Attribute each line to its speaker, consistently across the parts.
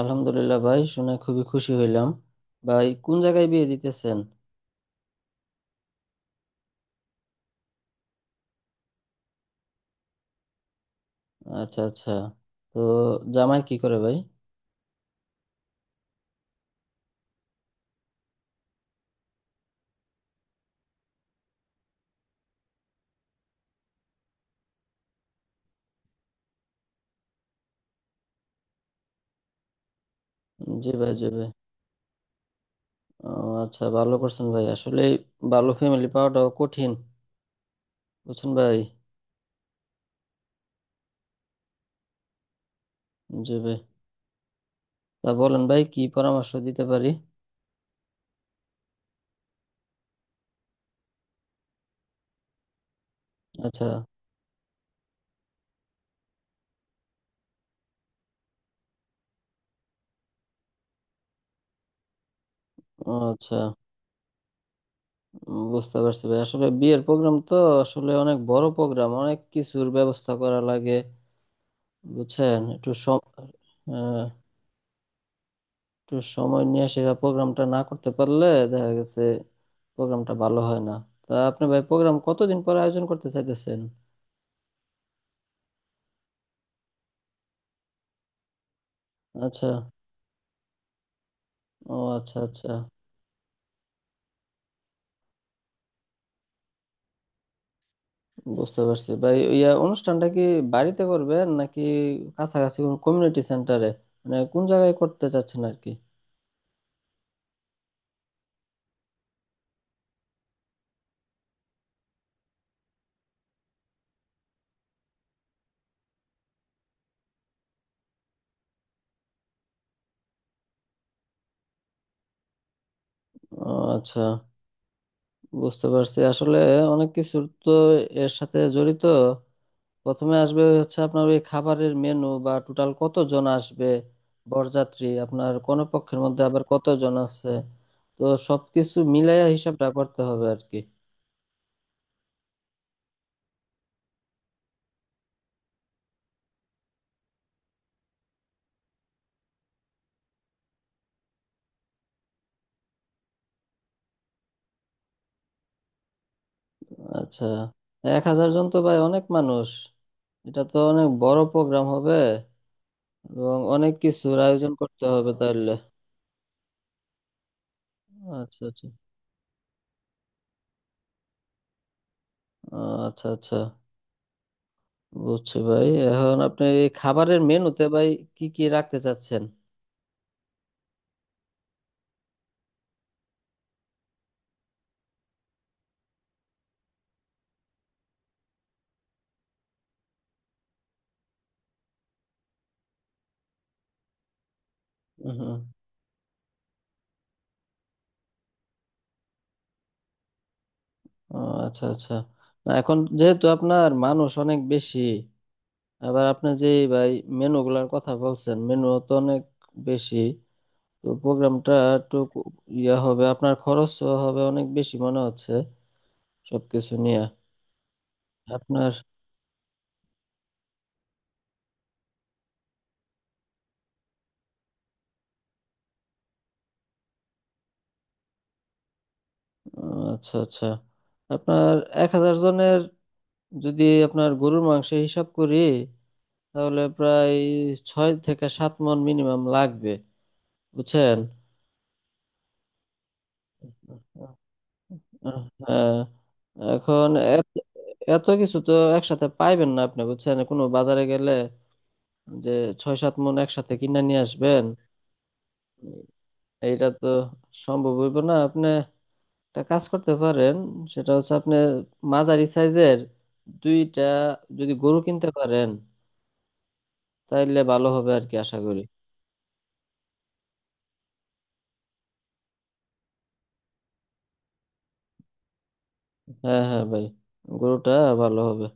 Speaker 1: আলহামদুলিল্লাহ, ভাই, শুনে খুবই খুশি হইলাম। ভাই, কোন জায়গায় বিয়ে দিতেছেন? আচ্ছা আচ্ছা। তো জামাই কি করে, ভাই? জি ভাই, জি ভাই। ও, আচ্ছা, ভালো করছেন ভাই। আসলে ভালো ফ্যামিলি পাওয়াটাও কঠিন, বুঝছেন ভাই। জি ভাই। তা বলেন ভাই, কি পরামর্শ দিতে পারি। আচ্ছা। ও আচ্ছা। বুঝতে পারছি ভাই। আসলে বিয়ের প্রোগ্রাম তো আসলে অনেক বড় প্রোগ্রাম, অনেক কিছুর ব্যবস্থা করা লাগে। বুঝছেন একটু সব। একটু সময় নিয়ে সেরা প্রোগ্রামটা না করতে পারলে দেখা গেছে প্রোগ্রামটা ভালো হয় না। তা আপনি ভাই প্রোগ্রাম কতদিন পরে আয়োজন করতে চাইতেছেন? আচ্ছা। ও আচ্ছা আচ্ছা। বুঝতে পারছি ভাই, অনুষ্ঠানটা কি বাড়িতে করবেন নাকি কাছাকাছি কোনো কমিউনিটি সেন্টারে? মানে কোন জায়গায় করতে চাচ্ছেন আর কি? ও আচ্ছা। বুঝতে পারছি, আসলে অনেক কিছু তো এর সাথে জড়িত। প্রথমে আসবে হচ্ছে আপনার ওই খাবারের মেনু, বা টোটাল কতজন আসবে, বরযাত্রী আপনার কোন পক্ষের মধ্যে আবার কতজন আছে। তো সবকিছু মিলাইয়া হিসাবটা করতে হবে আর কি। আচ্ছা। 1000 জন তো ভাই অনেক মানুষ। এটা তো অনেক বড় প্রোগ্রাম হবে এবং অনেক কিছুর আয়োজন করতে হবে তাহলে। আচ্ছা আচ্ছা। আচ্ছা আচ্ছা। বুঝছি ভাই, এখন আপনি এই খাবারের মেনুতে ভাই কি কি রাখতে চাচ্ছেন? হুম। ও আচ্ছা আচ্ছা। না, এখন যেহেতু আপনার মানুষ অনেক বেশি, আবার আপনি যে ভাই মেনুগুলার কথা বলছেন মেনু তো অনেক বেশি, তো প্রোগ্রামটা একটু হবে। আপনার খরচ হবে অনেক বেশি মনে হচ্ছে সবকিছু নিয়ে আপনার। আচ্ছা আচ্ছা। আপনার এক হাজার জনের, যদি আপনার গরুর মাংস হিসাব করি, তাহলে প্রায় 6-7 মণ মিনিমাম লাগবে, বুঝছেন। হ্যাঁ। এখন এত এত কিছু তো একসাথে পাইবেন না আপনি, বুঝছেন, কোনো বাজারে গেলে যে 6-7 মণ একসাথে কিনে নিয়ে আসবেন। এইটা তো সম্ভব হইব না। আপনি একটা কাজ করতে পারেন, সেটা হচ্ছে আপনি মাঝারি সাইজের 2টা যদি গরু কিনতে পারেন, তাইলে ভালো হবে আর কি, আশা করি। হ্যাঁ হ্যাঁ ভাই। গরুটা ভালো হবে।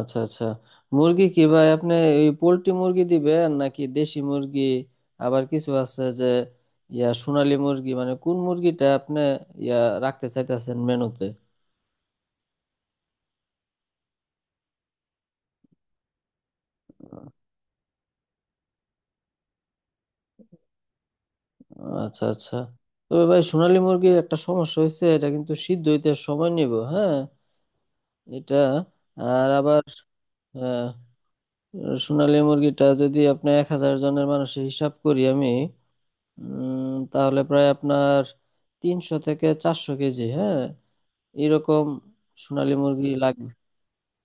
Speaker 1: আচ্ছা আচ্ছা। মুরগি কি ভাই আপনি ওই পোল্ট্রি মুরগি দিবেন নাকি দেশি মুরগি? আবার কিছু আছে যে সোনালী মুরগি। মানে কোন মুরগিটা আপনি ইয়া রাখতে চাইতেছেন মেনুতে? আচ্ছা আচ্ছা। তবে ভাই সোনালী মুরগির একটা সমস্যা হয়েছে, এটা কিন্তু সিদ্ধ হইতে সময় নিব, হ্যাঁ। এটা আর আবার আহ, সোনালী মুরগিটা, যদি আপনি 1000 জনের মানুষের হিসাব করি আমি, তাহলে প্রায় আপনার 300-400 কেজি, হ্যাঁ, এরকম সোনালী মুরগি লাগবে।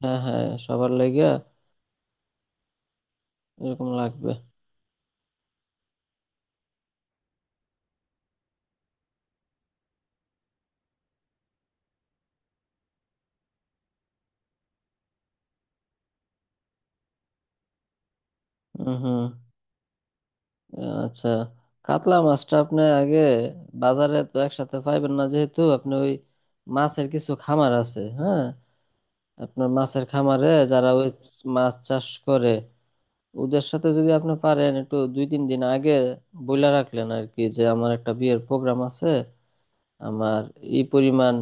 Speaker 1: হ্যাঁ হ্যাঁ, সবার লাগিয়া এরকম লাগবে। হুম হুম। আচ্ছা। কাতলা মাছটা আপনি আগে বাজারে তো একসাথে পাইবেন না, যেহেতু আপনি ওই মাছের কিছু খামার আছে, হ্যাঁ। আপনার মাছের খামারে যারা ওই মাছ চাষ করে, ওদের সাথে যদি আপনি পারেন একটু 2-3 দিন আগে বইলা রাখলেন আর কি, যে আমার একটা বিয়ের প্রোগ্রাম আছে, আমার এই পরিমাণ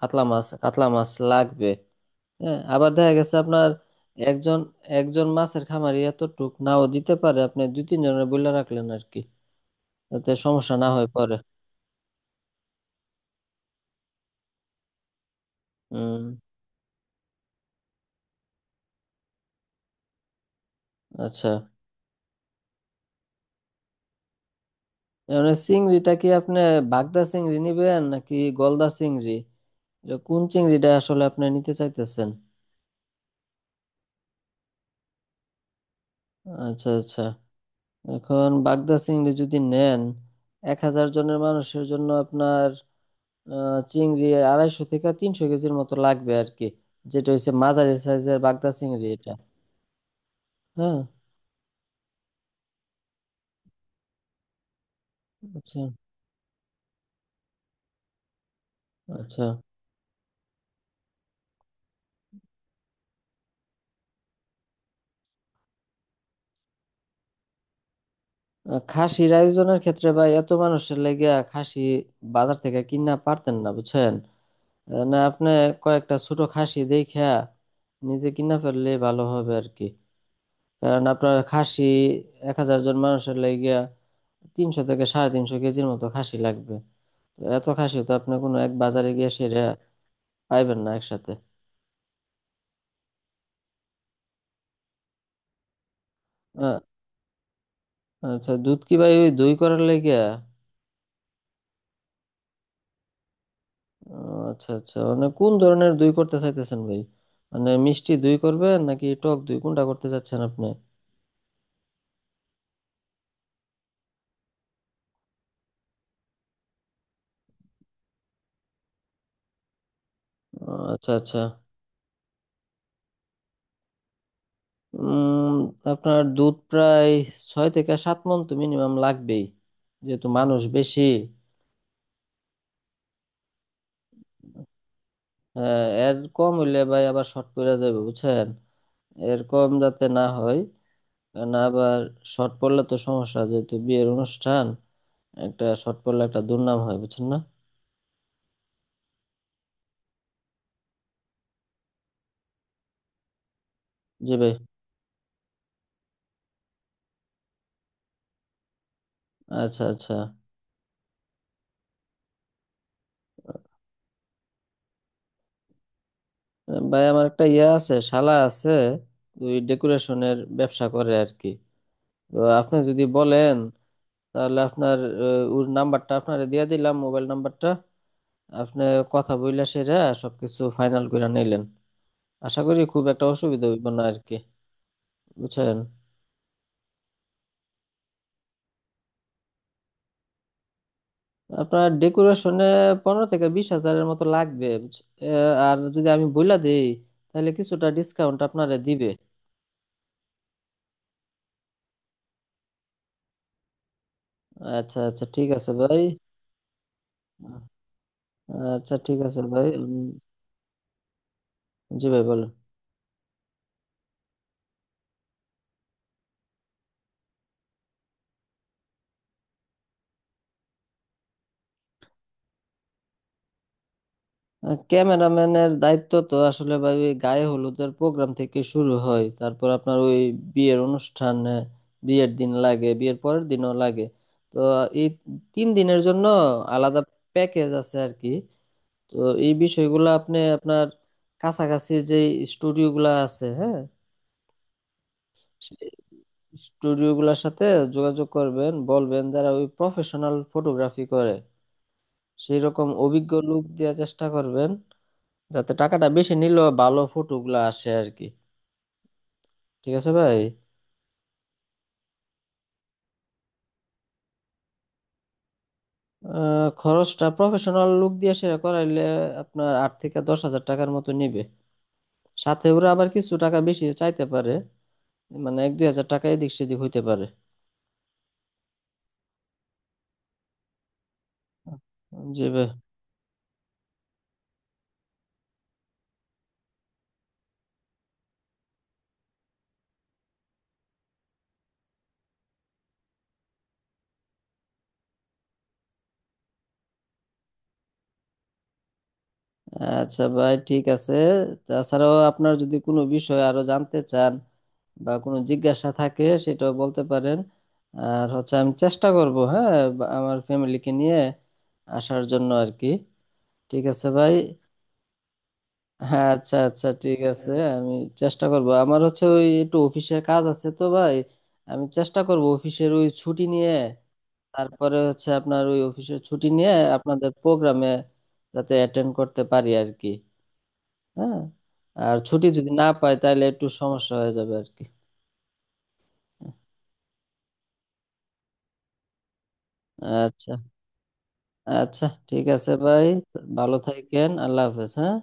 Speaker 1: কাতলা মাছ লাগবে। হ্যাঁ। আবার দেখা গেছে আপনার একজন একজন মাছের খামারি এত টুক নাও দিতে পারে, আপনি 2-3 জনের বইলা রাখলেন আর কি, তাতে সমস্যা না হয় পরে। হুম। আচ্ছা। মানে চিংড়িটা কি আপনি বাগদা চিংড়ি নিবেন নাকি গলদা চিংড়ি? এটা কোন চিংড়িটা আসলে আপনি নিতে চাইতেছেন? আচ্ছা আচ্ছা। এখন বাগদা চিংড়ি যদি নেন, 1000 জনের মানুষের জন্য আপনার চিংড়ি 250-300 কেজির মতো লাগবে আর কি, যেটা হচ্ছে মাঝারি সাইজের বাগদা চিংড়ি এটা। হ্যাঁ। আচ্ছা আচ্ছা। খাসির আয়োজনের ক্ষেত্রে ভাই, এত মানুষের লেগিয়া খাসি বাজার থেকে কিনা পারতেন না, বুঝছেন। না, আপনি কয়েকটা ছোট খাসি দেখে নিজে কিনা ফেললে ভালো হবে আর কি। কারণ আপনার খাসি 1000 জন মানুষের লেগিয়া 300-350 কেজির মতো খাসি লাগবে। তো এত খাসি তো আপনি কোনো এক বাজারে গিয়ে সেরে পাইবেন না একসাথে। আহ, আচ্ছা। দুধ কি ভাই ওই দই করার লেগিয়া? আচ্ছা আচ্ছা। মানে কোন ধরনের দই করতে চাইতেছেন ভাই? মানে মিষ্টি দই করবেন নাকি টক দই, কোনটা করতে চাচ্ছেন আপনি? আচ্ছা আচ্ছা। উম আপনার দুধ প্রায় 6-7 মণ তো মিনিমাম লাগবেই, যেহেতু মানুষ বেশি। আহ, এর কম হইলে ভাই আবার শর্ট পড়ে যাবে, বুঝছেন। এর কম যাতে না হয়। না আবার শর্ট পড়লে তো সমস্যা, যেহেতু বিয়ের অনুষ্ঠান, একটা শর্ট পড়লে একটা দুর্নাম হয়, বুঝছেন না। জি ভাই। আচ্ছা আচ্ছা ভাই, আমার একটা আছে, শালা আছে, ওই ডেকোরেশনের ব্যবসা করে আর কি। তো আপনি যদি বলেন তাহলে আপনার ওর নাম্বারটা আপনারে দিয়ে দিলাম, মোবাইল নাম্বারটা। আপনি কথা বইলা সেরা সবকিছু ফাইনাল করে নিলেন। আশা করি খুব একটা অসুবিধা হইব না আর কি, বুঝছেন। আপনার ডেকোরেশনে 15-20 হাজারের মতো লাগবে, আর যদি আমি বইলা দিই তাহলে কিছুটা ডিসকাউন্ট আপনারে দিবে। আচ্ছা আচ্ছা ঠিক আছে ভাই। আচ্ছা ঠিক আছে ভাই। জি ভাই, বলেন। ক্যামেরাম্যানের দায়িত্ব তো আসলে ভাই ওই গায়ে হলুদের প্রোগ্রাম থেকে শুরু হয়, তারপর আপনার ওই বিয়ের অনুষ্ঠানে, বিয়ের দিন লাগে, বিয়ের পরের দিনও লাগে। তো এই 3 দিনের জন্য আলাদা প্যাকেজ আছে আর কি। তো এই বিষয়গুলো আপনি আপনার কাছাকাছি যে স্টুডিওগুলো আছে, হ্যাঁ, স্টুডিওগুলোর সাথে যোগাযোগ করবেন, বলবেন যারা ওই প্রফেশনাল ফটোগ্রাফি করে সেই রকম অভিজ্ঞ লোক দেওয়ার চেষ্টা করবেন, যাতে টাকাটা বেশি নিলেও ভালো ফটোগুলা আসে আর কি। ঠিক আছে ভাই। খরচটা প্রফেশনাল লুক দিয়ে সেরা করাইলে আপনার 8-10 হাজার টাকার মতো নিবে। সাথে ওরা আবার কিছু টাকা বেশি চাইতে পারে, মানে 1-2 হাজার টাকা এদিক সেদিক হইতে পারে। জি ভাই। আচ্ছা ভাই, ঠিক আছে। তাছাড়াও আপনার যদি কোনো বিষয় আরো জানতে চান বা কোনো জিজ্ঞাসা থাকে, সেটাও বলতে পারেন। আর হচ্ছে আমি চেষ্টা করব, হ্যাঁ, আমার ফ্যামিলিকে নিয়ে আসার জন্য আর কি। ঠিক আছে ভাই। হ্যাঁ আচ্ছা আচ্ছা ঠিক আছে। আমি চেষ্টা করব, আমার হচ্ছে ওই একটু অফিসের কাজ আছে তো ভাই, আমি চেষ্টা করব অফিসের ওই ছুটি নিয়ে। তারপরে হচ্ছে আপনার ওই অফিসের ছুটি নিয়ে আপনাদের প্রোগ্রামে যাতে অ্যাটেন্ড করতে পারি আর কি। হ্যাঁ। আর ছুটি যদি না পাই তাহলে একটু সমস্যা হয়ে যাবে আর কি। আচ্ছা আচ্ছা ঠিক আছে ভাই। ভালো থাকেন, আল্লাহ হাফেজ, হ্যাঁ।